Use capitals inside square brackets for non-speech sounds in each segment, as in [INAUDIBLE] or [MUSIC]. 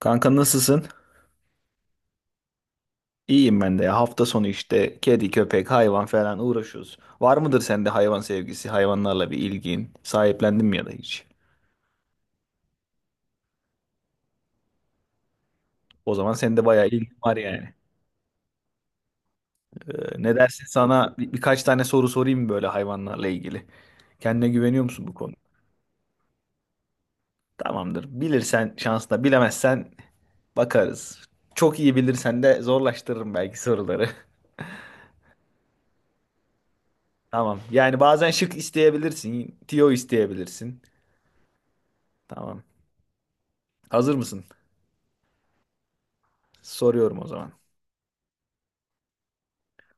Kanka nasılsın? İyiyim ben de ya. Hafta sonu işte kedi, köpek, hayvan falan uğraşıyoruz. Var mıdır sende hayvan sevgisi, hayvanlarla bir ilgin? Sahiplendin mi ya da hiç? O zaman sende bayağı ilgin var yani. Ne dersin sana birkaç tane soru sorayım böyle hayvanlarla ilgili. Kendine güveniyor musun bu konuda? Tamamdır. Bilirsen şansla, bilemezsen bakarız. Çok iyi bilirsen de zorlaştırırım belki soruları. [LAUGHS] Tamam. Yani bazen şık isteyebilirsin, tiyo isteyebilirsin. Tamam. Hazır mısın? Soruyorum o zaman.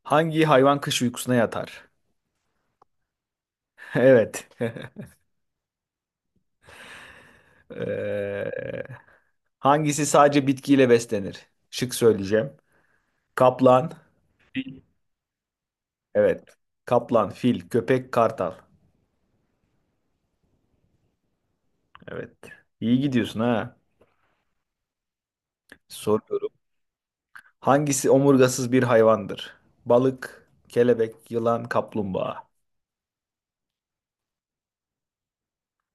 Hangi hayvan kış uykusuna yatar? [LAUGHS] Evet. [LAUGHS] Ee, hangisi sadece bitkiyle beslenir? Şık söyleyeceğim. Kaplan. Evet. Kaplan, fil, köpek, kartal. Evet. İyi gidiyorsun ha. Soruyorum. Hangisi omurgasız bir hayvandır? Balık, kelebek, yılan, kaplumbağa.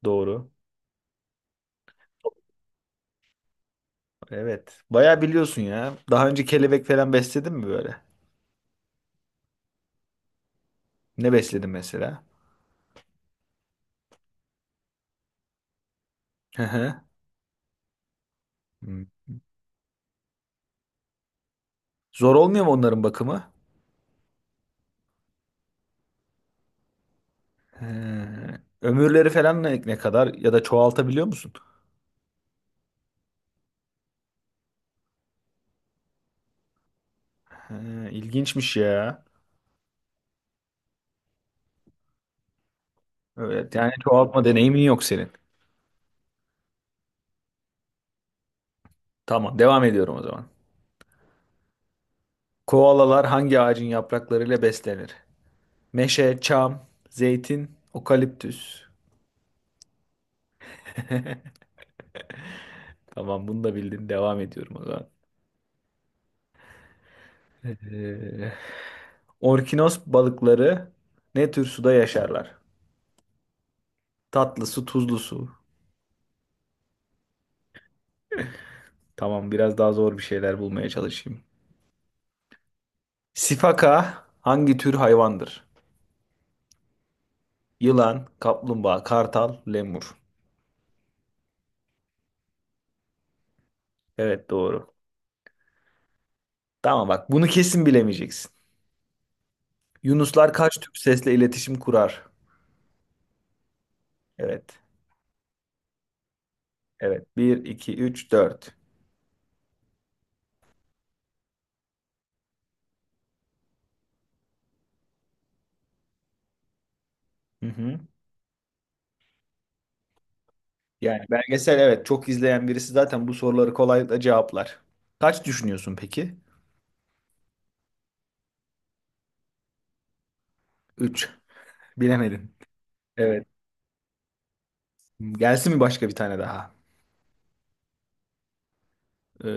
Doğru. Evet. Bayağı biliyorsun ya. Daha önce kelebek falan besledin mi böyle? Ne besledin mesela? Hı hı. Hı. Zor olmuyor mu onların bakımı? He. Ömürleri falan ne, ne kadar ya da çoğaltabiliyor musun? He, ilginçmiş ya. Evet, yani çoğaltma deneyimin yok senin. Tamam, devam ediyorum o zaman. Koalalar hangi ağacın yapraklarıyla beslenir? Meşe, çam, zeytin, okaliptüs. [LAUGHS] Tamam, bunu da bildin. Devam ediyorum o zaman. Ee, orkinos balıkları ne tür suda yaşarlar? Tatlı su, tuzlu su. Tamam, biraz daha zor bir şeyler bulmaya çalışayım. Sifaka hangi tür hayvandır? Yılan, kaplumbağa, kartal, lemur. Evet doğru. Tamam bak bunu kesin bilemeyeceksin. Yunuslar kaç tür sesle iletişim kurar? Evet. Evet. Bir, 2, 3, 4. Hı hı. Yani belgesel evet çok izleyen birisi zaten bu soruları kolaylıkla cevaplar. Kaç düşünüyorsun peki? 3. Bilemedin. Evet. Gelsin mi başka bir tane daha? Ee,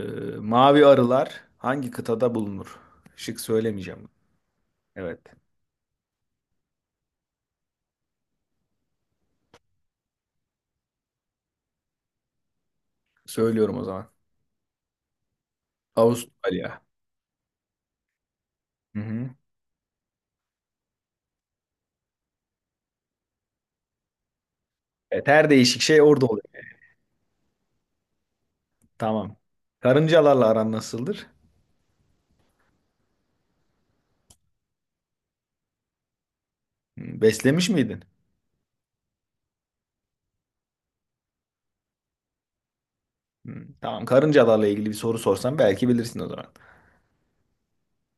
mavi arılar hangi kıtada bulunur? Şık söylemeyeceğim. Evet. Söylüyorum o zaman. Avustralya. Hı hı. Evet, her değişik şey orada oluyor. Tamam. Karıncalarla aran nasıldır? Hı, beslemiş miydin? Hı, tamam. Karıncalarla ilgili bir soru sorsam belki bilirsin o zaman.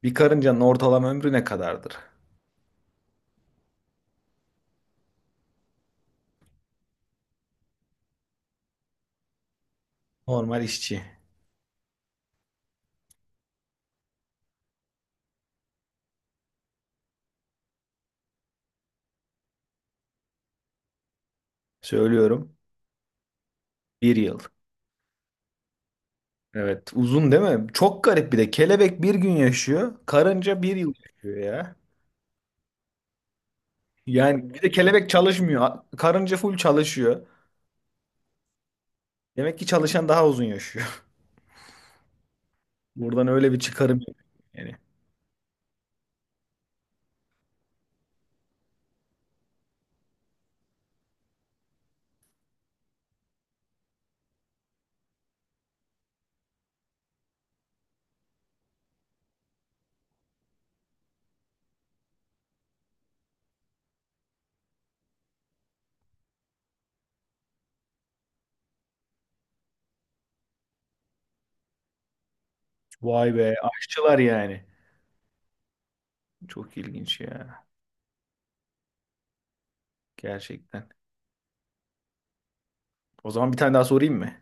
Bir karıncanın ortalama ömrü ne kadardır? Normal işçi. Söylüyorum. Bir yıl. Evet. Uzun değil mi? Çok garip bir de. Kelebek bir gün yaşıyor. Karınca bir yıl yaşıyor ya. Yani bir de kelebek çalışmıyor. Karınca full çalışıyor. Demek ki çalışan daha uzun yaşıyor. [LAUGHS] Buradan öyle bir çıkarım yapıyorum. Yani vay be, aşçılar yani. Çok ilginç ya. Gerçekten. O zaman bir tane daha sorayım mı?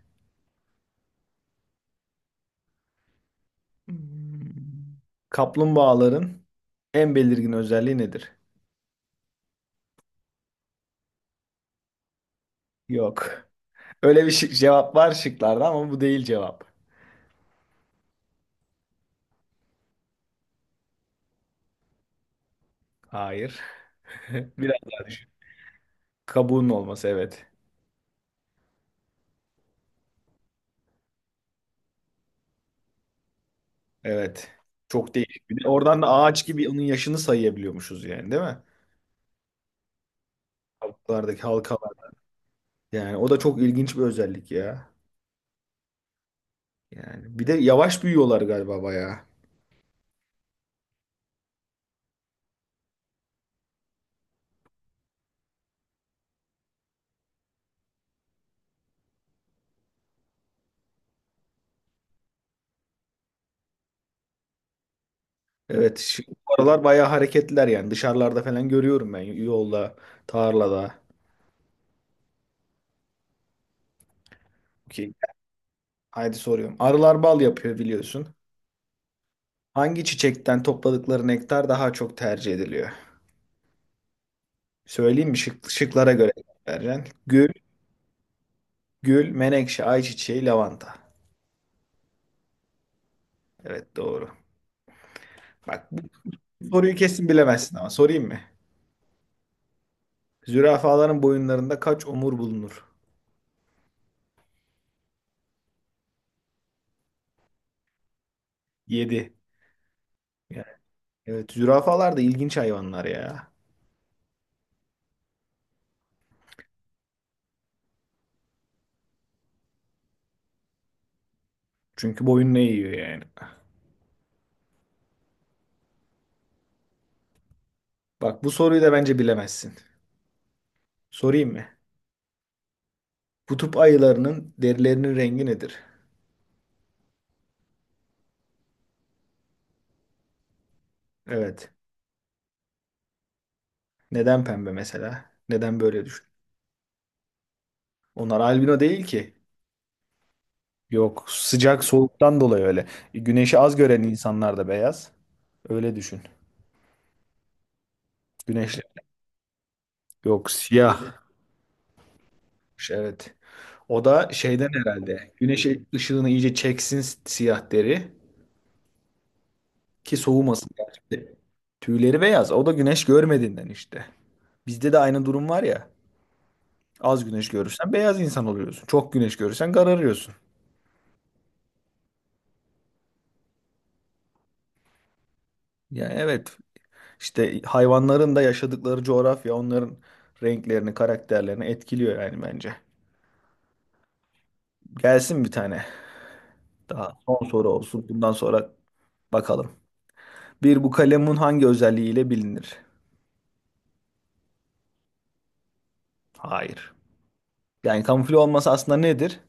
Hmm. Kaplumbağaların en belirgin özelliği nedir? Yok. Öyle bir şık cevap var şıklarda ama bu değil cevap. Hayır. [LAUGHS] Biraz daha düşün. Kabuğunun olması evet. Evet. Çok değişik. Bir de oradan da ağaç gibi onun yaşını sayabiliyormuşuz yani değil mi? Kabuklardaki halkalar. Yani o da çok ilginç bir özellik ya. Yani bir de yavaş büyüyorlar galiba bayağı. Evet, şimdi bu aralar bayağı hareketliler yani. Dışarılarda falan görüyorum ben yolda, tarlada. Ki haydi soruyorum. Arılar bal yapıyor biliyorsun. Hangi çiçekten topladıkları nektar daha çok tercih ediliyor? Söyleyeyim mi? Şık, şıklara göre vereceksin. Gül, menekşe, ayçiçeği, lavanta. Evet doğru. Bak bu soruyu kesin bilemezsin ama sorayım mı? Zürafaların boyunlarında kaç omur bulunur? 7. Yani, evet zürafalar da ilginç hayvanlar ya. Çünkü boyun ne yiyor yani? Bak bu soruyu da bence bilemezsin. Sorayım mı? Kutup ayılarının derilerinin rengi nedir? Evet. Neden pembe mesela? Neden böyle düşün? Onlar albino değil ki. Yok, sıcak soğuktan dolayı öyle. Güneşi az gören insanlar da beyaz. Öyle düşün. Güneşli. Yok, siyah. Evet. O da şeyden herhalde. Güneş ışığını iyice çeksin siyah deri ki soğumasın. Gerçekten. Tüyleri beyaz. O da güneş görmediğinden işte. Bizde de aynı durum var ya. Az güneş görürsen beyaz insan oluyorsun. Çok güneş görürsen kararıyorsun. Yani evet işte hayvanların da yaşadıkları coğrafya onların renklerini, karakterlerini etkiliyor yani bence. Gelsin bir tane daha, son soru olsun. Bundan sonra bakalım. Bir bu kalemun hangi özelliğiyle bilinir? Hayır. Yani kamufle olması aslında nedir?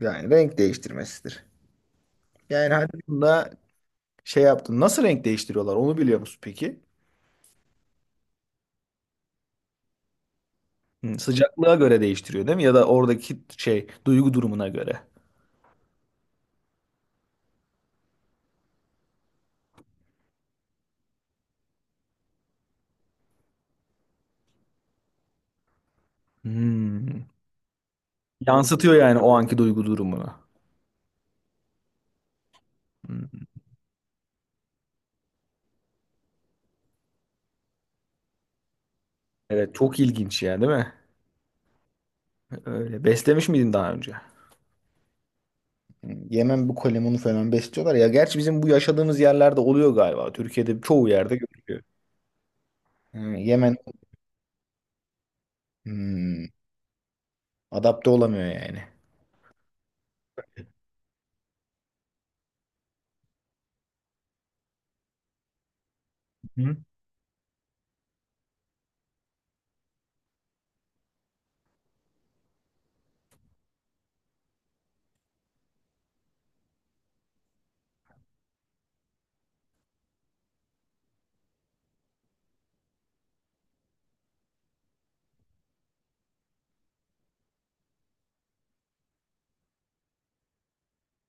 Yani renk değiştirmesidir. Yani hani bunda şey yaptın. Nasıl renk değiştiriyorlar onu biliyor musun peki? Hı, sıcaklığa göre değiştiriyor değil mi? Ya da oradaki şey duygu durumuna göre. Hmm. Yansıtıyor yani o anki duygu durumunu. Hmm. Evet çok ilginç ya değil mi? Öyle. Beslemiş miydin daha önce? Yemen bu kalemunu falan besliyorlar ya. Gerçi bizim bu yaşadığımız yerlerde oluyor galiba. Türkiye'de çoğu yerde görülüyor. Hı, Yemen. Hmm, adapte olamıyor yani. Hı.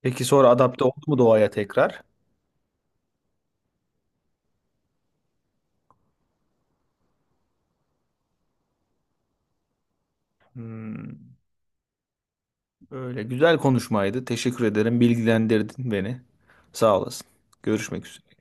Peki sonra adapte oldu mu doğaya tekrar? Hmm. Öyle güzel konuşmaydı. Teşekkür ederim. Bilgilendirdin beni. Sağ olasın. Görüşmek üzere.